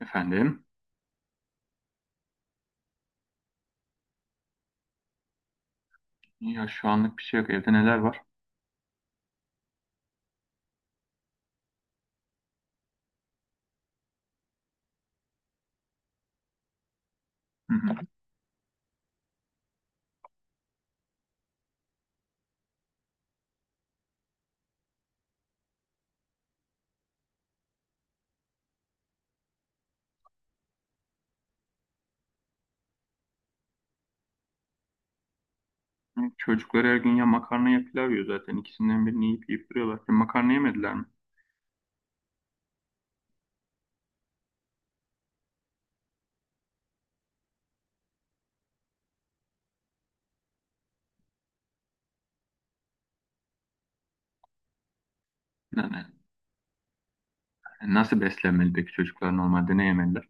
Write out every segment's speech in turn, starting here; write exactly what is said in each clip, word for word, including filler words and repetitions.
Efendim? Ya şu anlık bir şey yok. Evde neler var? Hı hı. Çocuklar her gün ya makarna ya pilav yiyor zaten. İkisinden birini yiyip yiyip duruyorlar. Ya makarna yemediler mi? Yani nasıl beslenmeli peki çocuklar normalde ne yemeliler?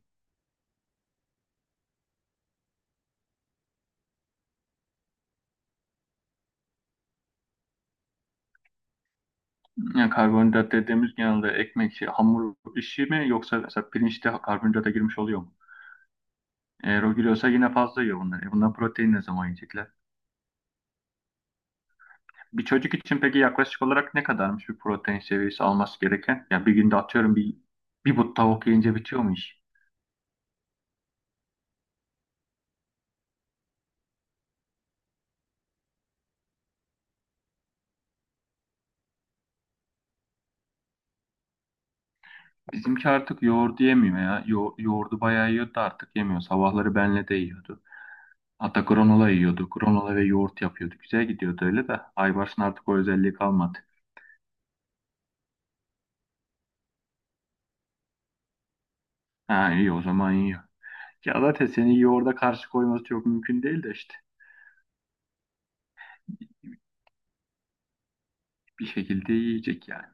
Ya karbonhidrat dediğimiz genelde ekmek, şey, hamur işi mi, yoksa mesela pirinçte karbonhidrata girmiş oluyor mu? Eğer o giriyorsa yine fazla yiyor bunlar. E, bundan protein ne zaman yiyecekler? Bir çocuk için peki yaklaşık olarak ne kadarmış bir protein seviyesi alması gereken? Ya bir günde atıyorum bir, bir but tavuk yiyince bitiyor mu iş? Bizimki artık yoğurdu yemiyor ya. Yo yoğurdu bayağı yiyordu, artık yemiyor. Sabahları benle de yiyordu. Hatta granola yiyordu. Granola ve yoğurt yapıyordu. Güzel gidiyordu öyle de. Aybars'ın artık o özelliği kalmadı. Ha, iyi o zaman yiyor. Ya zaten senin yoğurda karşı koyması çok mümkün değil de işte. Bir şekilde yiyecek yani.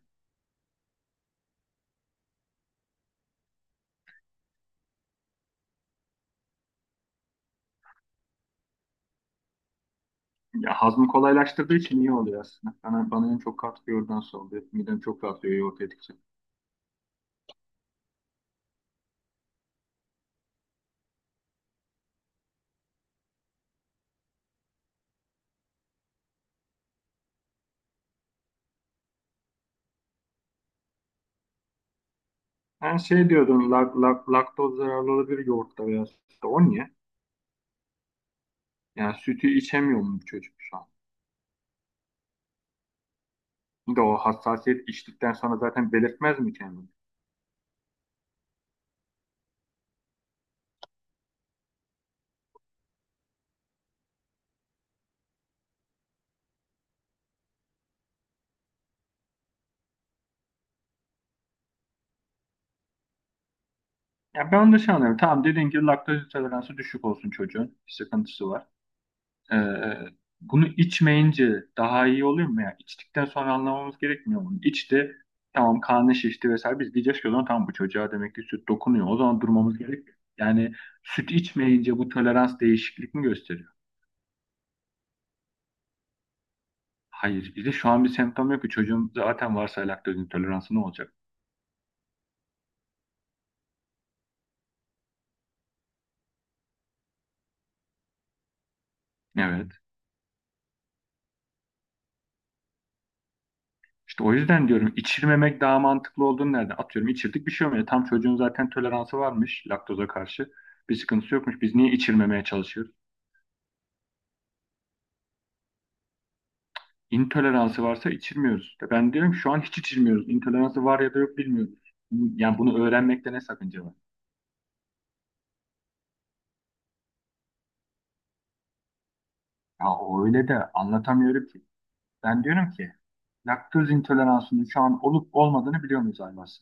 Ya hazmı kolaylaştırdığı için iyi oluyor aslında. Bana, bana en çok katkı yoğurdan sağlıyor. Midem çok rahatlıyor yoğurt yedikçe. Ben şey diyordum, lak, lak, laktoz zararlı olabilir yoğurtta veya sütte. O niye? Yani sütü içemiyor mu bu çocuk şu an? Bir de o hassasiyet içtikten sonra zaten belirtmez mi kendini? Ya ben onu da şey anlıyorum. Tamam, dediğin gibi laktoz intoleransı düşük olsun çocuğun. Bir sıkıntısı var. Ee, Bunu içmeyince daha iyi oluyor mu ya? İçtikten sonra anlamamız gerekmiyor mu? İçti. Tamam, karnı şişti vesaire. Biz diyeceğiz ki o zaman tamam, bu çocuğa demek ki süt dokunuyor. O zaman durmamız gerek. Yani süt içmeyince bu tolerans değişiklik mi gösteriyor? Hayır. Bir de şu an bir semptom yok ki, çocuğun zaten varsa laktoz intoleransı ne olacak? Evet. İşte o yüzden diyorum içirmemek daha mantıklı olduğunu nereden? Atıyorum içirdik, bir şey olmuyor. Tam çocuğun zaten toleransı varmış laktoza karşı. Bir sıkıntısı yokmuş. Biz niye içirmemeye çalışıyoruz? İntoleransı varsa içirmiyoruz. Ben diyorum ki şu an hiç içirmiyoruz. İntoleransı var ya da yok bilmiyoruz. Yani bunu öğrenmekte ne sakınca var? Ya o öyle de anlatamıyorum ki. Ben diyorum ki laktoz intoleransının şu an olup olmadığını biliyor muyuz Aybars?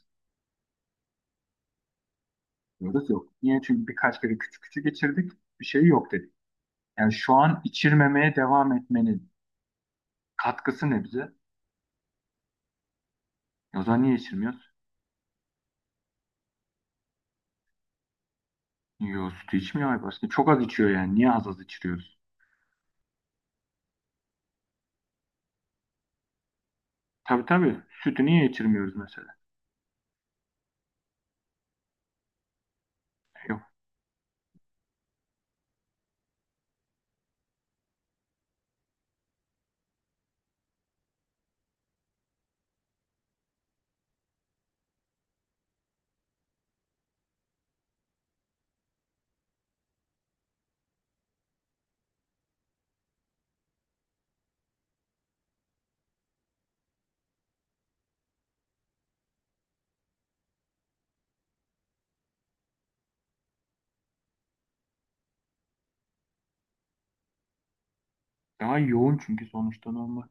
Diyoruz yok. Niye? Çünkü birkaç kere küçük küçük geçirdik. Bir şey yok dedik. Yani şu an içirmemeye devam etmeniz katkısı ne bize? E, o zaman niye içirmiyoruz? Yo, sütü içmiyor ay başta. Çok az içiyor yani. Niye az az içiriyoruz? Tabii, tabii. Sütü niye içirmiyoruz mesela? E, yok. Daha yoğun çünkü sonuçta normal.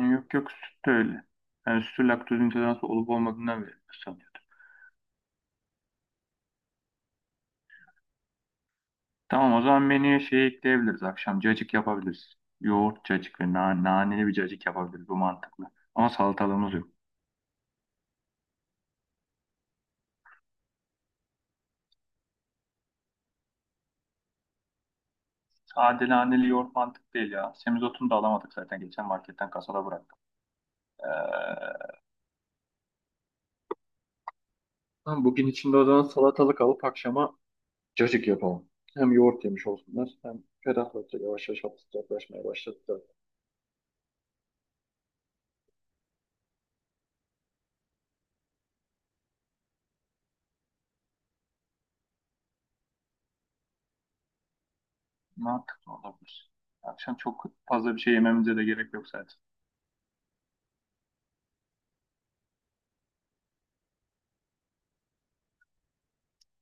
E, yok yok, süt de öyle. Yani sütü laktoz intoleransı olup olmadığından beri sanıyordum. Tamam, o zaman menüye şey ekleyebiliriz. Akşam cacık yapabiliriz. Yoğurt cacık ve na naneli bir cacık yapabiliriz. Bu mantıklı. Ama salatalığımız yok. Sade naneli yoğurt mantık değil ya. Semizotunu da alamadık zaten. Geçen marketten kasada bıraktık. Tamam, bugün içinde o zaman salatalık alıp akşama cacık yapalım. Hem yoğurt yemiş olsunlar hem ferahlatır. Yavaş yavaş hafif sıcaklaşmaya başladı da. Mantıklı olabilir. Akşam çok fazla bir şey yememize de gerek yok zaten.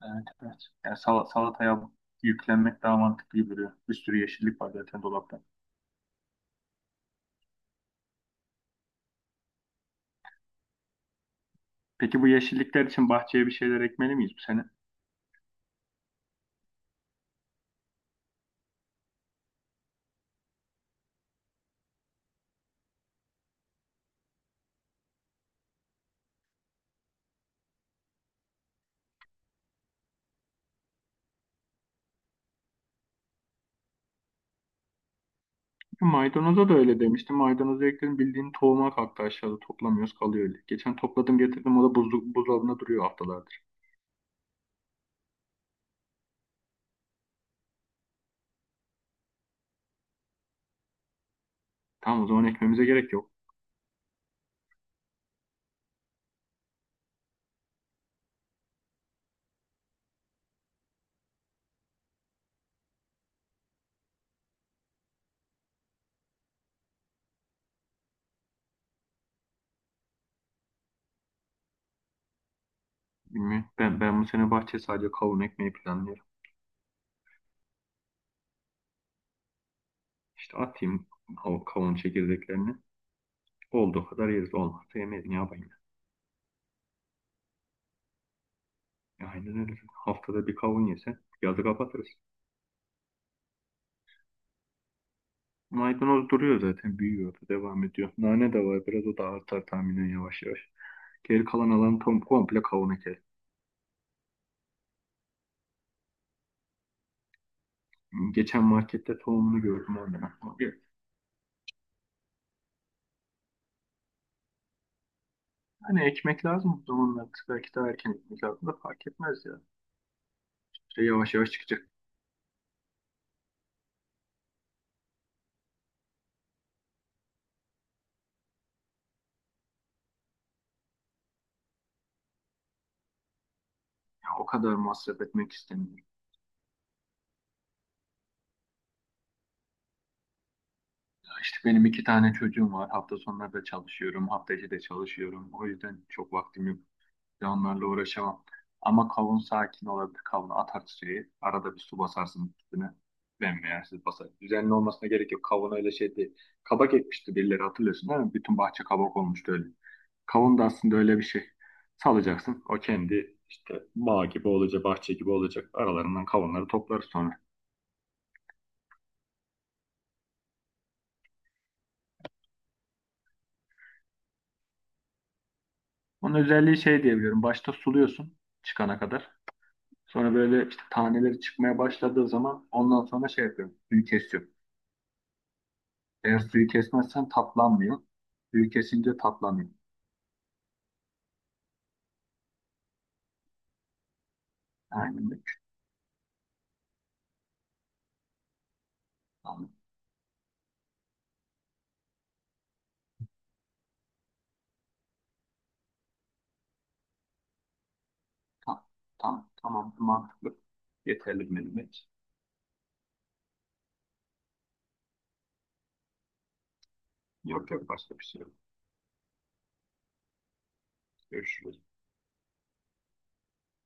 Evet, evet. Yani sal salataya yüklenmek daha mantıklı gibi duruyor. Bir sürü yeşillik var zaten dolapta. Peki bu yeşillikler için bahçeye bir şeyler ekmeli miyiz bu sene? Maydanoza da öyle demiştim. Maydanozu ekledim, bildiğin tohuma kalktı, aşağıda toplamıyoruz, kalıyor öyle. Geçen topladım getirdim, o da buzluk buzdolabında duruyor haftalardır. Tamam, o zaman ekmemize gerek yok. Bilmiyorum. Ben, ben bu sene bahçe sadece kavun ekmeyi planlıyorum. İşte atayım o kavun çekirdeklerini. Olduğu kadar yeriz, olmazsa yemeyiz, ne yapayım ya. E, Aynen öyle. Haftada bir kavun yesen yazı kapatırız. Maydanoz duruyor zaten, büyüyor, devam ediyor. Nane de var biraz, o da artar tahminen yavaş yavaş. Geri kalan alan tam komple kavun eker. Geçen markette tohumunu gördüm, oradan aklıma geldi. Hani ekmek lazım bu zamanlar. Belki daha erken ekmek lazım da fark etmez ya. İşte yavaş yavaş çıkacak. Ya o kadar masraf etmek istemiyorum. Ya işte benim iki tane çocuğum var. Hafta sonları da çalışıyorum. Hafta içi de çalışıyorum. O yüzden çok vaktim yok. Ya onlarla uğraşamam. Ama kavun sakin olabilir. Kavunu atar suya. Arada bir su basarsın üstüne. Bembeyazsız basar. Düzenli olmasına gerek yok. Kavun öyle şey değil. Kabak ekmişti birileri, hatırlıyorsun değil mi? Bütün bahçe kabak olmuştu öyle. Kavun da aslında öyle bir şey. Salacaksın. O kendi işte bağ gibi olacak, bahçe gibi olacak. Aralarından kavunları toplarız sonra. Onun özelliği şey diyebiliyorum. Başta suluyorsun, çıkana kadar. Sonra böyle işte taneleri çıkmaya başladığı zaman ondan sonra şey yapıyorum. Suyu kesiyorum. Eğer suyu kesmezsen tatlanmıyor. Suyu kesince tatlanıyor. Aynen öyle. Tamam. Tamam. Tamam. Tamam. Mantıklı. Yeterli bir memet. Yok yok, başka bir şey yok. Görüşürüz.